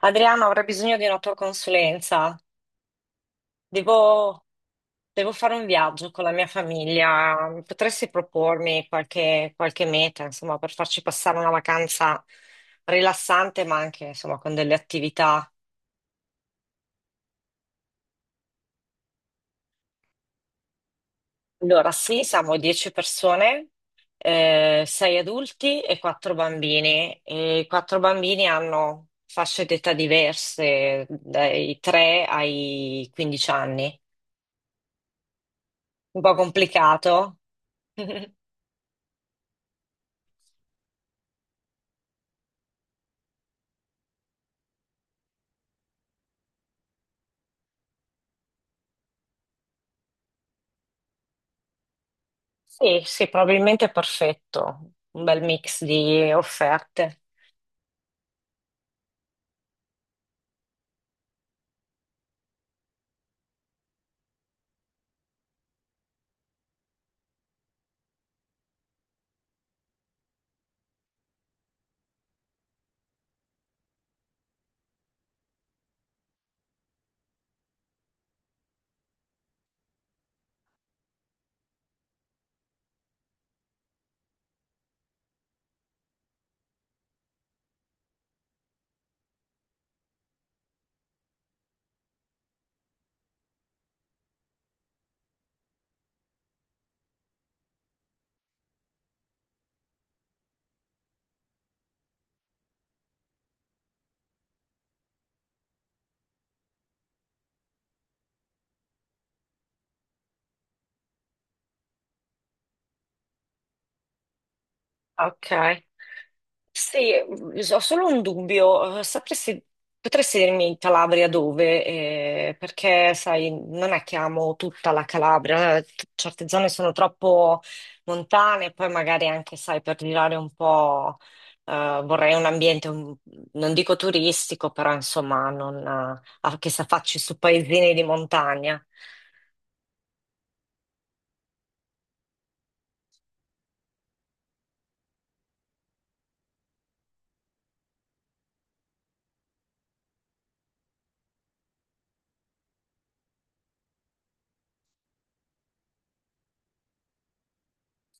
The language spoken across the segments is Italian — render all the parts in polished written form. Adriano, avrei bisogno di una tua consulenza. Devo, devo fare un viaggio con la mia famiglia. Potresti propormi qualche meta, insomma, per farci passare una vacanza rilassante, ma anche, insomma, con delle attività. Allora, sì, siamo 10 persone, 6 adulti e 4 bambini. E i 4 bambini hanno fasce d'età diverse, dai 3 ai 15 anni. Un po' complicato. Sì, sì, probabilmente è perfetto, un bel mix di offerte. Ok. Sì, ho solo un dubbio. Sapresti, potresti dirmi in Calabria dove? Perché, sai, non è che amo tutta la Calabria. Certe zone sono troppo montane, poi magari anche, sai, per girare un po', vorrei un ambiente, non dico turistico, però insomma, non, che si affacci su paesini di montagna.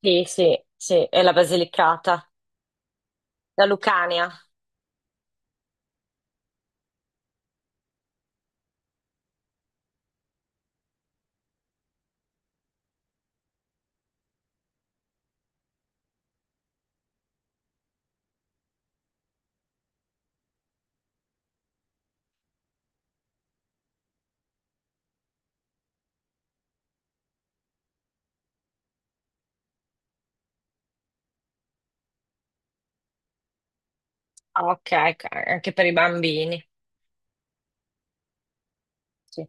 Sì, sì, sì, è la Basilicata, la Lucania. Ah, ok, ok, anche per i bambini. Sì,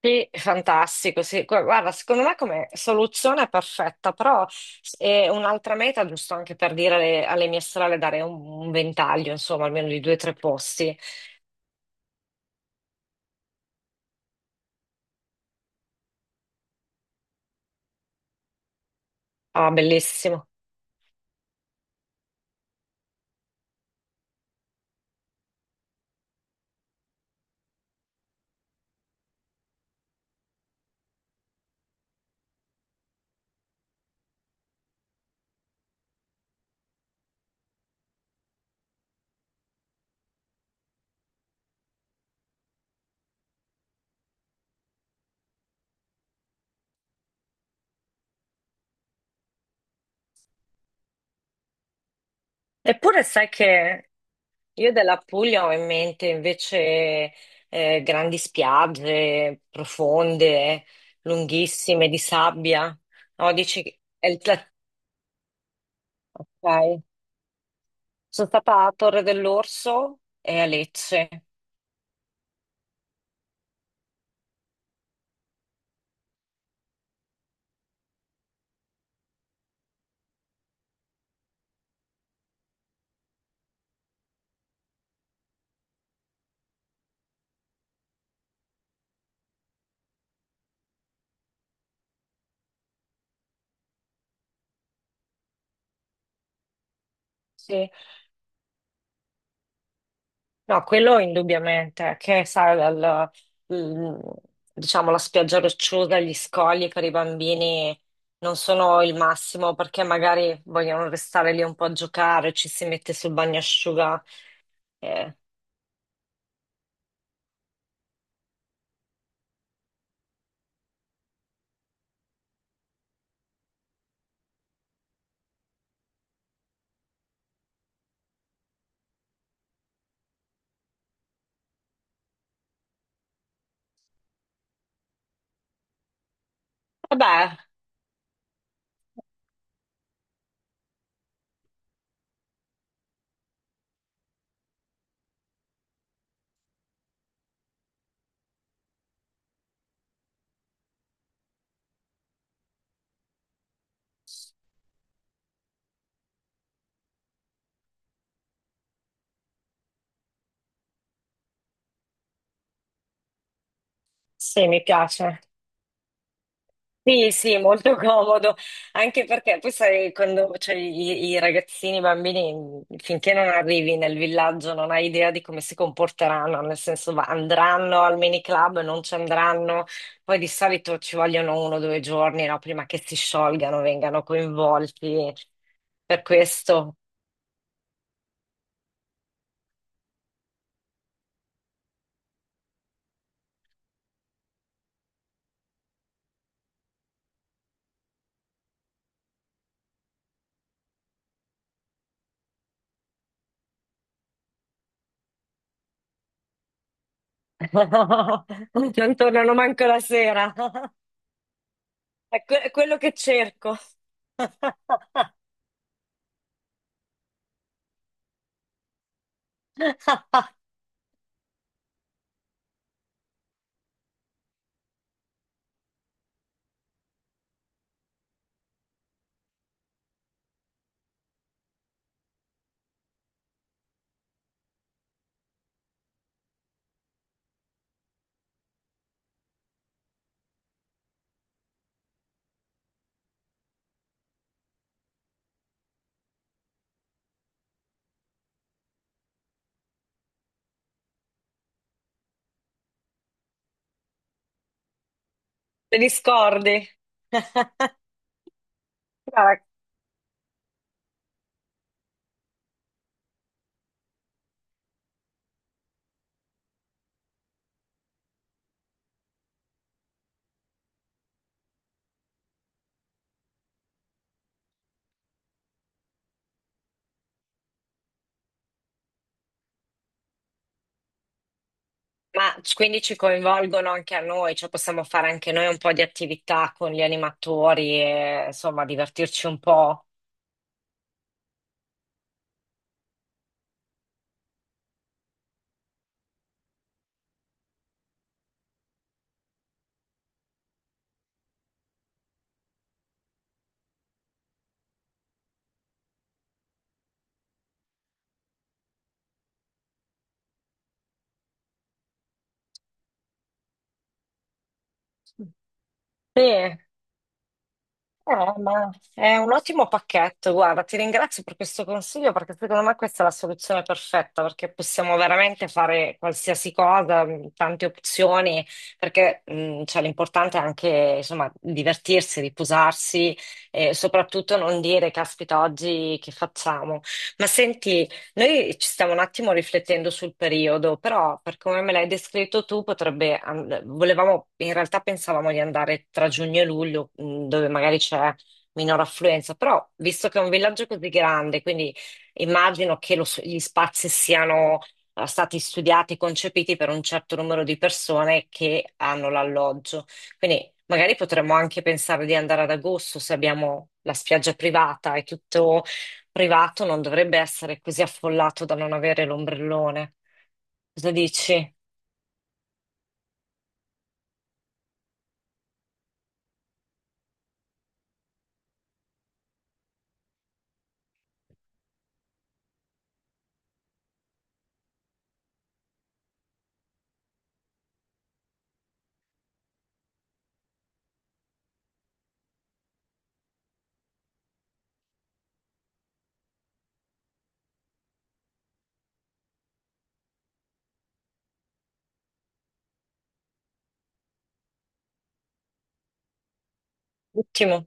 sì, fantastico. Sì. Guarda, secondo me come soluzione è perfetta, però è un'altra meta, giusto anche per dire alle mie sorelle, dare un ventaglio, insomma, almeno di due o tre posti. Ah, bellissimo. Eppure sai che io della Puglia ho in mente invece grandi spiagge profonde, lunghissime, di sabbia. No, dici che è il pla- Ok. Sono stata a Torre dell'Orso e a Lecce. Sì. No, quello indubbiamente, che sai, il- diciamo la spiaggia rocciosa, gli scogli per i bambini non sono il massimo perché magari vogliono restare lì un po' a giocare, ci si mette sul bagnasciuga. eh, Vabbè, sì, mi piace. Sì, sì, molto comodo, anche perché poi sai, quando cioè, i ragazzini, i bambini, finché non arrivi nel villaggio non hai idea di come si comporteranno, nel senso andranno al mini club, non ci andranno, poi di solito ci vogliono uno o due giorni, no, prima che si sciolgano, vengano coinvolti, per questo non tornano manco la sera, è quello che cerco. Te li scordi? Guarda, ma quindi ci coinvolgono anche a noi, cioè possiamo fare anche noi un po' di attività con gli animatori e insomma divertirci un po'. Sì. Ma è un ottimo pacchetto, guarda, ti ringrazio per questo consiglio perché secondo me questa è la soluzione perfetta perché possiamo veramente fare qualsiasi cosa, tante opzioni, perché cioè, l'importante è anche insomma divertirsi, riposarsi e soprattutto non dire caspita oggi che facciamo. Ma senti, noi ci stiamo un attimo riflettendo sul periodo, però per come me l'hai descritto tu, potrebbe, volevamo, in realtà pensavamo di andare tra giugno e luglio, dove magari c'è minor affluenza, però visto che è un villaggio così grande, quindi immagino che gli spazi siano stati studiati, concepiti per un certo numero di persone che hanno l'alloggio. Quindi magari potremmo anche pensare di andare ad agosto se abbiamo la spiaggia privata e tutto privato non dovrebbe essere così affollato da non avere l'ombrellone. Cosa dici? Ottimo.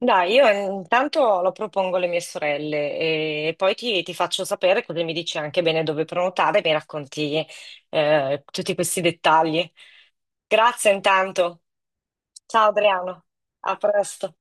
Dai, io intanto lo propongo alle mie sorelle e poi ti faccio sapere così mi dici anche bene dove prenotare e mi racconti tutti questi dettagli. Grazie intanto. Ciao Adriano, a presto.